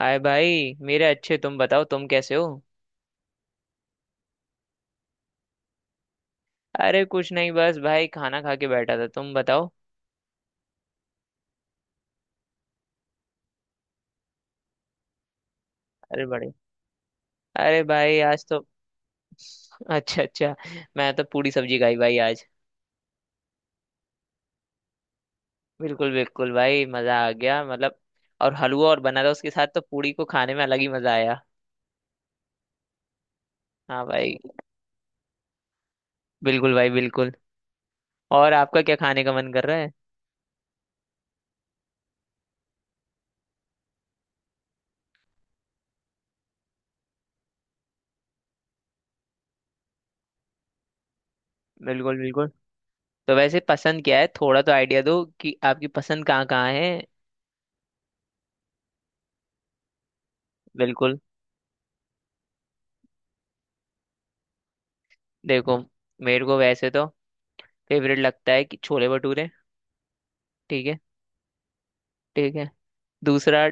हाय भाई मेरे अच्छे, तुम बताओ, तुम कैसे हो। अरे कुछ नहीं, बस भाई खाना खा के बैठा था, तुम बताओ। अरे बड़े, अरे भाई आज तो अच्छा अच्छा। मैं तो पूरी सब्जी खाई भाई आज। बिल्कुल बिल्कुल भाई, मजा आ गया, मतलब और हलवा और बना था उसके साथ, तो पूरी को खाने में अलग ही मजा आया। हाँ भाई, बिल्कुल भाई, बिल्कुल। और आपका क्या खाने का मन कर रहा है। बिल्कुल बिल्कुल। तो वैसे पसंद क्या है, थोड़ा तो आइडिया दो कि आपकी पसंद कहाँ कहाँ है। बिल्कुल। देखो, मेरे को वैसे तो फेवरेट लगता है कि छोले भटूरे। ठीक है, ठीक है। दूसरा,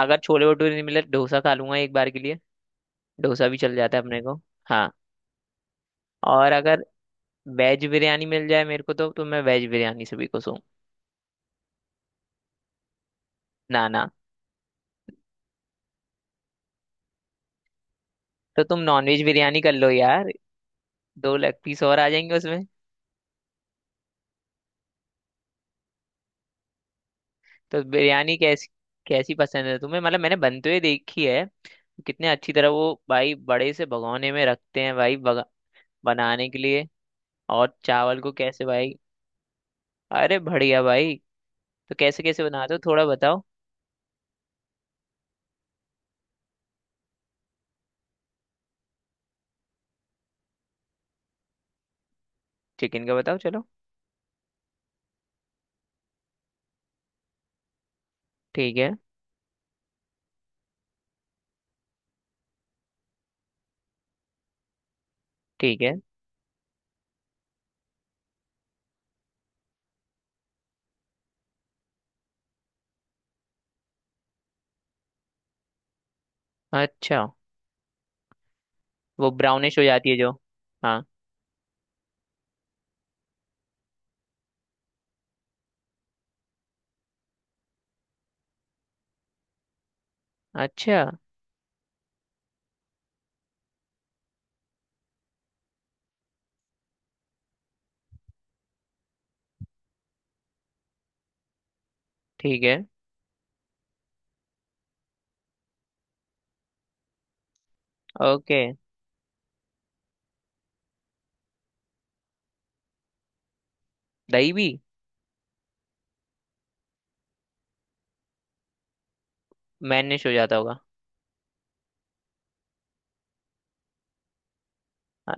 अगर छोले भटूरे नहीं मिले, डोसा खा लूंगा एक बार के लिए। डोसा भी चल जाता है अपने को। हाँ। और अगर वेज बिरयानी मिल जाए मेरे को, तो मैं वेज बिरयानी से भी खुश हूँ। ना ना। तो तुम नॉन वेज बिरयानी कर लो यार, दो लेग पीस और आ जाएंगे उसमें। तो बिरयानी कैसी, कैसी पसंद है तुम्हें, मतलब मैंने बनते हुए देखी है। कितने अच्छी तरह वो भाई बड़े से भगोने में रखते हैं भाई बगा- बनाने के लिए। और चावल को कैसे भाई। अरे बढ़िया भाई। तो कैसे कैसे बनाते हो, थोड़ा बताओ। चिकन का बताओ चलो। ठीक है, ठीक है। अच्छा, वो ब्राउनिश हो जाती है जो। हाँ। अच्छा। ठीक है। ओके। दही भी? मैनिश हो जाता होगा। हाँ।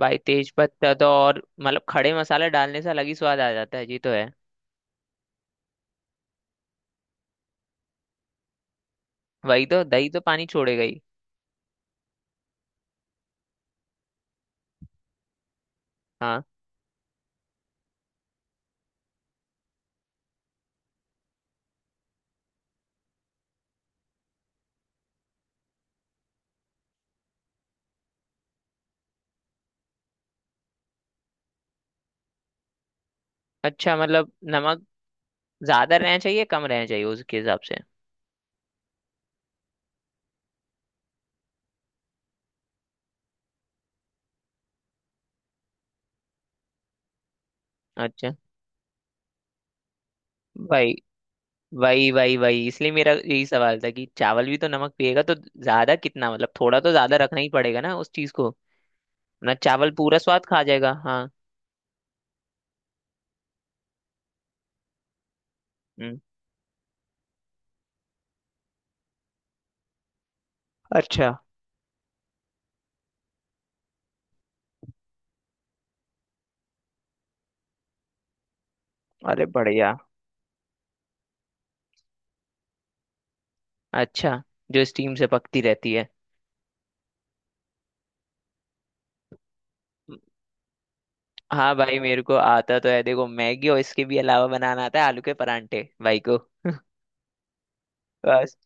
भाई तेज पत्ता तो, और मतलब खड़े मसाला डालने से अलग ही स्वाद आ जाता है जी तो है। वही तो, दही तो पानी छोड़ेगा ही। हाँ। अच्छा मतलब नमक ज्यादा रहना चाहिए, कम रहना चाहिए, उसके हिसाब से। अच्छा। भाई वही वही वही इसलिए मेरा यही सवाल था कि चावल भी तो नमक पिएगा। तो ज्यादा कितना, मतलब थोड़ा तो ज्यादा रखना ही पड़ेगा ना उस चीज को, वरना चावल पूरा स्वाद खा जाएगा। हाँ। हम्म। अच्छा। अरे बढ़िया। अच्छा, जो स्टीम से पकती रहती है। हाँ भाई, मेरे को आता तो है, देखो मैगी, और इसके भी अलावा बनाना आता है आलू के परांठे भाई को। बस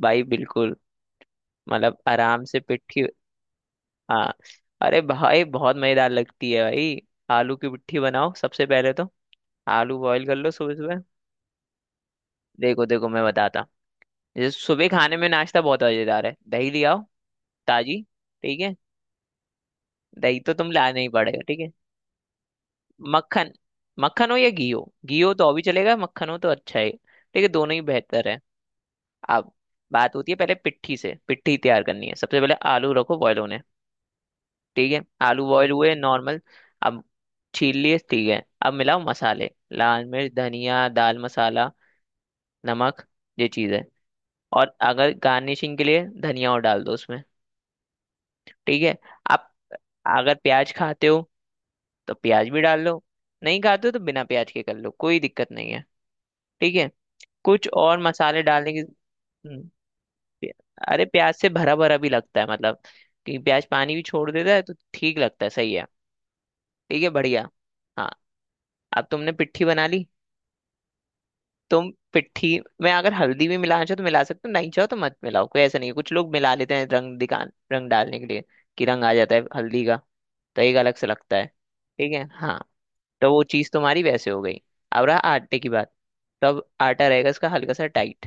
भाई, बिल्कुल। मतलब आराम से पिट्ठी। हाँ। अरे भाई बहुत मजेदार लगती है भाई। आलू की पिट्ठी बनाओ सबसे पहले तो। आलू बॉईल कर लो सुबह सुबह। देखो देखो मैं बताता, जैसे सुबह खाने में नाश्ता बहुत मजेदार है, दही ले आओ ताजी। ठीक है। दही तो तुम लाना ही पड़ेगा, ठीक है। मक्खन। मक्खन हो या घी हो, घी हो तो और भी चलेगा, मक्खन हो तो अच्छा है, ठीक है, दोनों ही बेहतर है। अब बात होती है, पहले पिट्ठी से पिट्ठी तैयार करनी है। सबसे पहले आलू रखो बॉयल होने। ठीक है। आलू बॉयल हुए नॉर्मल। अब छील लिए। ठीक है, अब मिलाओ मसाले, लाल मिर्च, धनिया, दाल मसाला, नमक, ये चीज़ है। और अगर गार्निशिंग के लिए धनिया और डाल दो उसमें। ठीक है। आप अगर प्याज खाते हो तो प्याज भी डाल लो, नहीं खाते हो तो बिना प्याज के कर लो, कोई दिक्कत नहीं है। ठीक है। कुछ और मसाले डालने की, हम्म। प्या- अरे प्याज से भरा भरा भी लगता है, मतलब कि प्याज पानी भी छोड़ देता है तो ठीक लगता है, सही है। ठीक है, बढ़िया। हाँ। अब तुमने पिट्ठी बना ली। तुम पिट्ठी में अगर हल्दी भी मिलाना चाहो तो मिला सकते हो, नहीं चाहो तो मत मिलाओ, कोई ऐसा नहीं है, कुछ लोग मिला लेते हैं रंग दिखा, रंग डालने के लिए, कि रंग आ जाता है हल्दी का, तो एक अलग से लगता है। ठीक है हाँ। तो वो चीज़ तुम्हारी वैसे हो गई। अब रहा आटे की बात। तब आटा रहेगा इसका हल्का सा टाइट,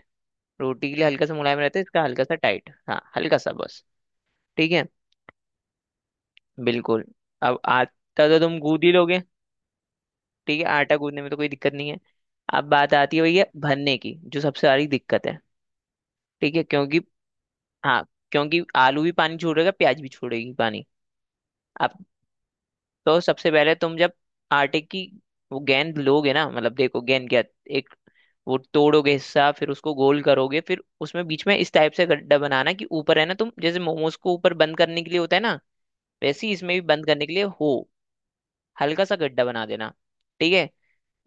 रोटी के लिए हल्का सा मुलायम रहता है, इसका हल्का सा टाइट, हाँ हल्का सा बस। ठीक है, बिल्कुल। अब आटा तो तुम गूंद ही लोगे। ठीक है, आटा गूंदने में तो कोई दिक्कत नहीं है। अब बात आती है भैया भरने की, जो सबसे बड़ी दिक्कत है। ठीक है, क्योंकि, हाँ, क्योंकि आलू भी पानी छोड़ेगा, प्याज भी छोड़ेगी पानी। अब तो सबसे पहले तुम जब आटे की वो गेंद लोगे ना, मतलब देखो गेंद क्या, एक वो तोड़ोगे हिस्सा, फिर उसको गोल करोगे, फिर उसमें बीच में इस टाइप से गड्ढा बनाना कि ऊपर है ना, तुम जैसे मोमोज को ऊपर बंद करने के लिए होता है ना, वैसे ही इसमें भी बंद करने के लिए हो, हल्का सा गड्ढा बना देना। ठीक है।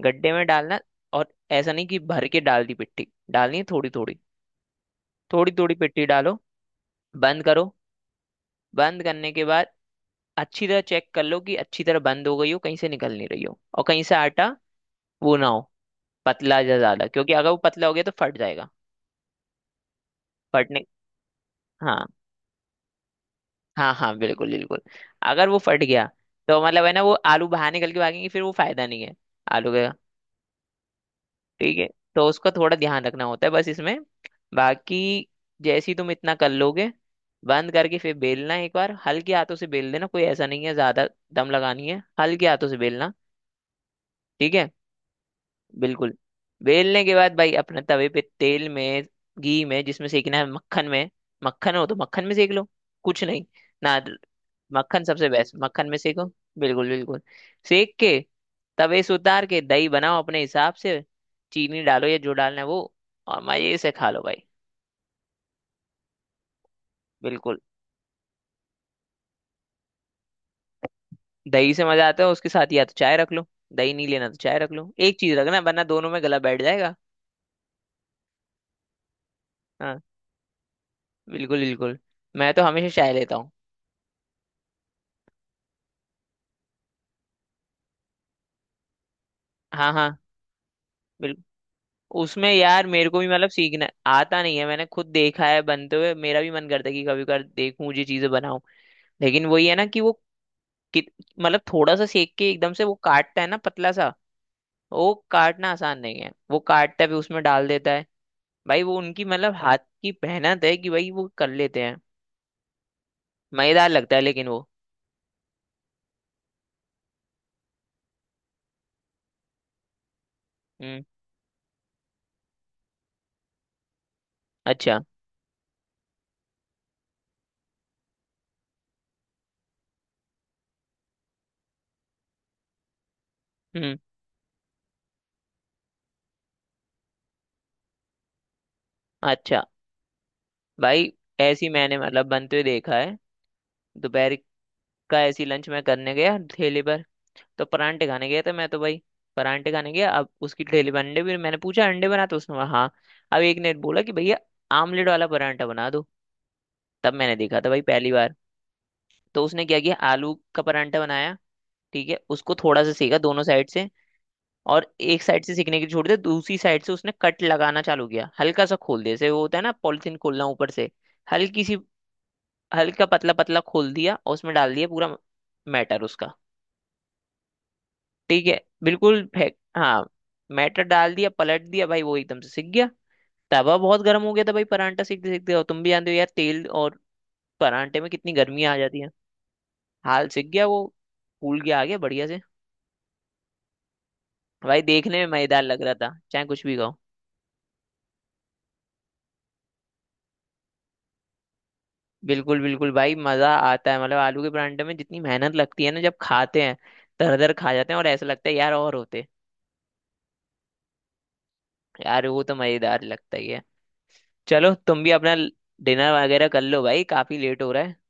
गड्ढे में डालना, और ऐसा नहीं कि भर के डाल दी, पिट्टी डालनी है थोड़ी थोड़ी। थोड़ी थोड़ी पिट्टी डालो, बंद करो। बंद करने के बाद अच्छी तरह चेक कर लो कि अच्छी तरह बंद हो गई हो, कहीं से निकल नहीं रही हो, और कहीं से आटा वो ना हो पतला जा ज्यादा, क्योंकि अगर वो पतला हो गया तो फट जाएगा। फटने, हाँ हाँ हाँ, बिल्कुल बिल्कुल। अगर वो फट गया तो मतलब है ना वो आलू बाहर निकल के भागेंगे, फिर वो फायदा नहीं है आलू का। ठीक है। तो उसका थोड़ा ध्यान रखना होता है बस इसमें, बाकी जैसी तुम इतना कर लोगे, बंद करके फिर बेलना, एक बार हल्के हाथों से बेल देना, कोई ऐसा नहीं है ज्यादा दम लगानी है, हल्के हाथों से बेलना। ठीक है, बिल्कुल। बेलने के बाद भाई अपने तवे पे तेल में, घी में, जिसमें सेकना है, मक्खन में, मक्खन हो तो मक्खन में सेक लो, कुछ नहीं ना, मक्खन सबसे बेस्ट, मक्खन में सेको। बिल्कुल बिल्कुल। सेक के तवे से उतार के दही बनाओ अपने हिसाब से, चीनी डालो या जो डालना है वो, और मजे से खा लो भाई। बिल्कुल। दही से मजा आता है उसके साथ, या तो चाय रख लो, दही नहीं लेना तो चाय रख लो, एक चीज रखना, वरना दोनों में गला बैठ जाएगा। हाँ, बिल्कुल बिल्कुल। मैं तो हमेशा चाय लेता हूँ। हाँ हाँ बिल्कुल। उसमें यार मेरे को भी मतलब सीखना आता नहीं है, मैंने खुद देखा है बनते हुए, मेरा भी मन करता है कि कभी कभार देखूं, ये चीजें बनाऊं, लेकिन वही है ना कि वो कित- मतलब थोड़ा सा सेक के एकदम से वो काटता है ना पतला सा। वो काटना आसान नहीं है, वो काटता है फिर उसमें डाल देता है। भाई वो उनकी मतलब हाथ की मेहनत है कि भाई वो कर लेते हैं। मजेदार लगता है लेकिन वो, हम्म। अच्छा। हम्म। अच्छा भाई, ऐसी मैंने मतलब बनते हुए देखा है। दोपहर का ऐसी लंच मैं करने गया ठेले पर, तो परांठे खाने गया था मैं तो भाई, परांठे खाने गया, अब उसकी ठेली पर अंडे भी, मैंने पूछा अंडे बना, तो उसने बोला हाँ। अब एक ने बोला कि भैया आमलेट वाला परांठा बना दो, तब मैंने देखा था भाई पहली बार। तो उसने क्या किया, आलू का परांठा बनाया, ठीक है, उसको थोड़ा सा सेका दोनों साइड से, और एक साइड से सेकने की छोड़ दिया, दूसरी साइड से उसने कट लगाना चालू किया, हल्का सा खोल दिया जैसे वो होता है ना पॉलिथीन खोलना ऊपर से, हल्की सी, हल्का पतला पतला खोल दिया, और उसमें डाल दिया पूरा मैटर उसका। ठीक है बिल्कुल फेंक, हाँ, मैटर डाल दिया, पलट दिया भाई, वो एकदम से सिक गया। तवा बहुत गर्म हो गया था भाई परांठा सिकते सिकते, और तुम भी जानते हो यार तेल और परांठे में कितनी गर्मी आ जाती है। हाल सिक गया वो, फूल गया, आ गया बढ़िया से। भाई देखने में मजेदार लग रहा था, चाहे कुछ भी खाओ। बिल्कुल बिल्कुल भाई, मजा आता है। मतलब आलू के परांठे में जितनी मेहनत लगती है ना, जब खाते हैं दर दर खा जाते हैं, और ऐसा लगता है यार और होते, यार वो तो मजेदार लगता ही है। चलो तुम भी अपना डिनर वगैरह कर लो भाई, काफी लेट हो रहा है।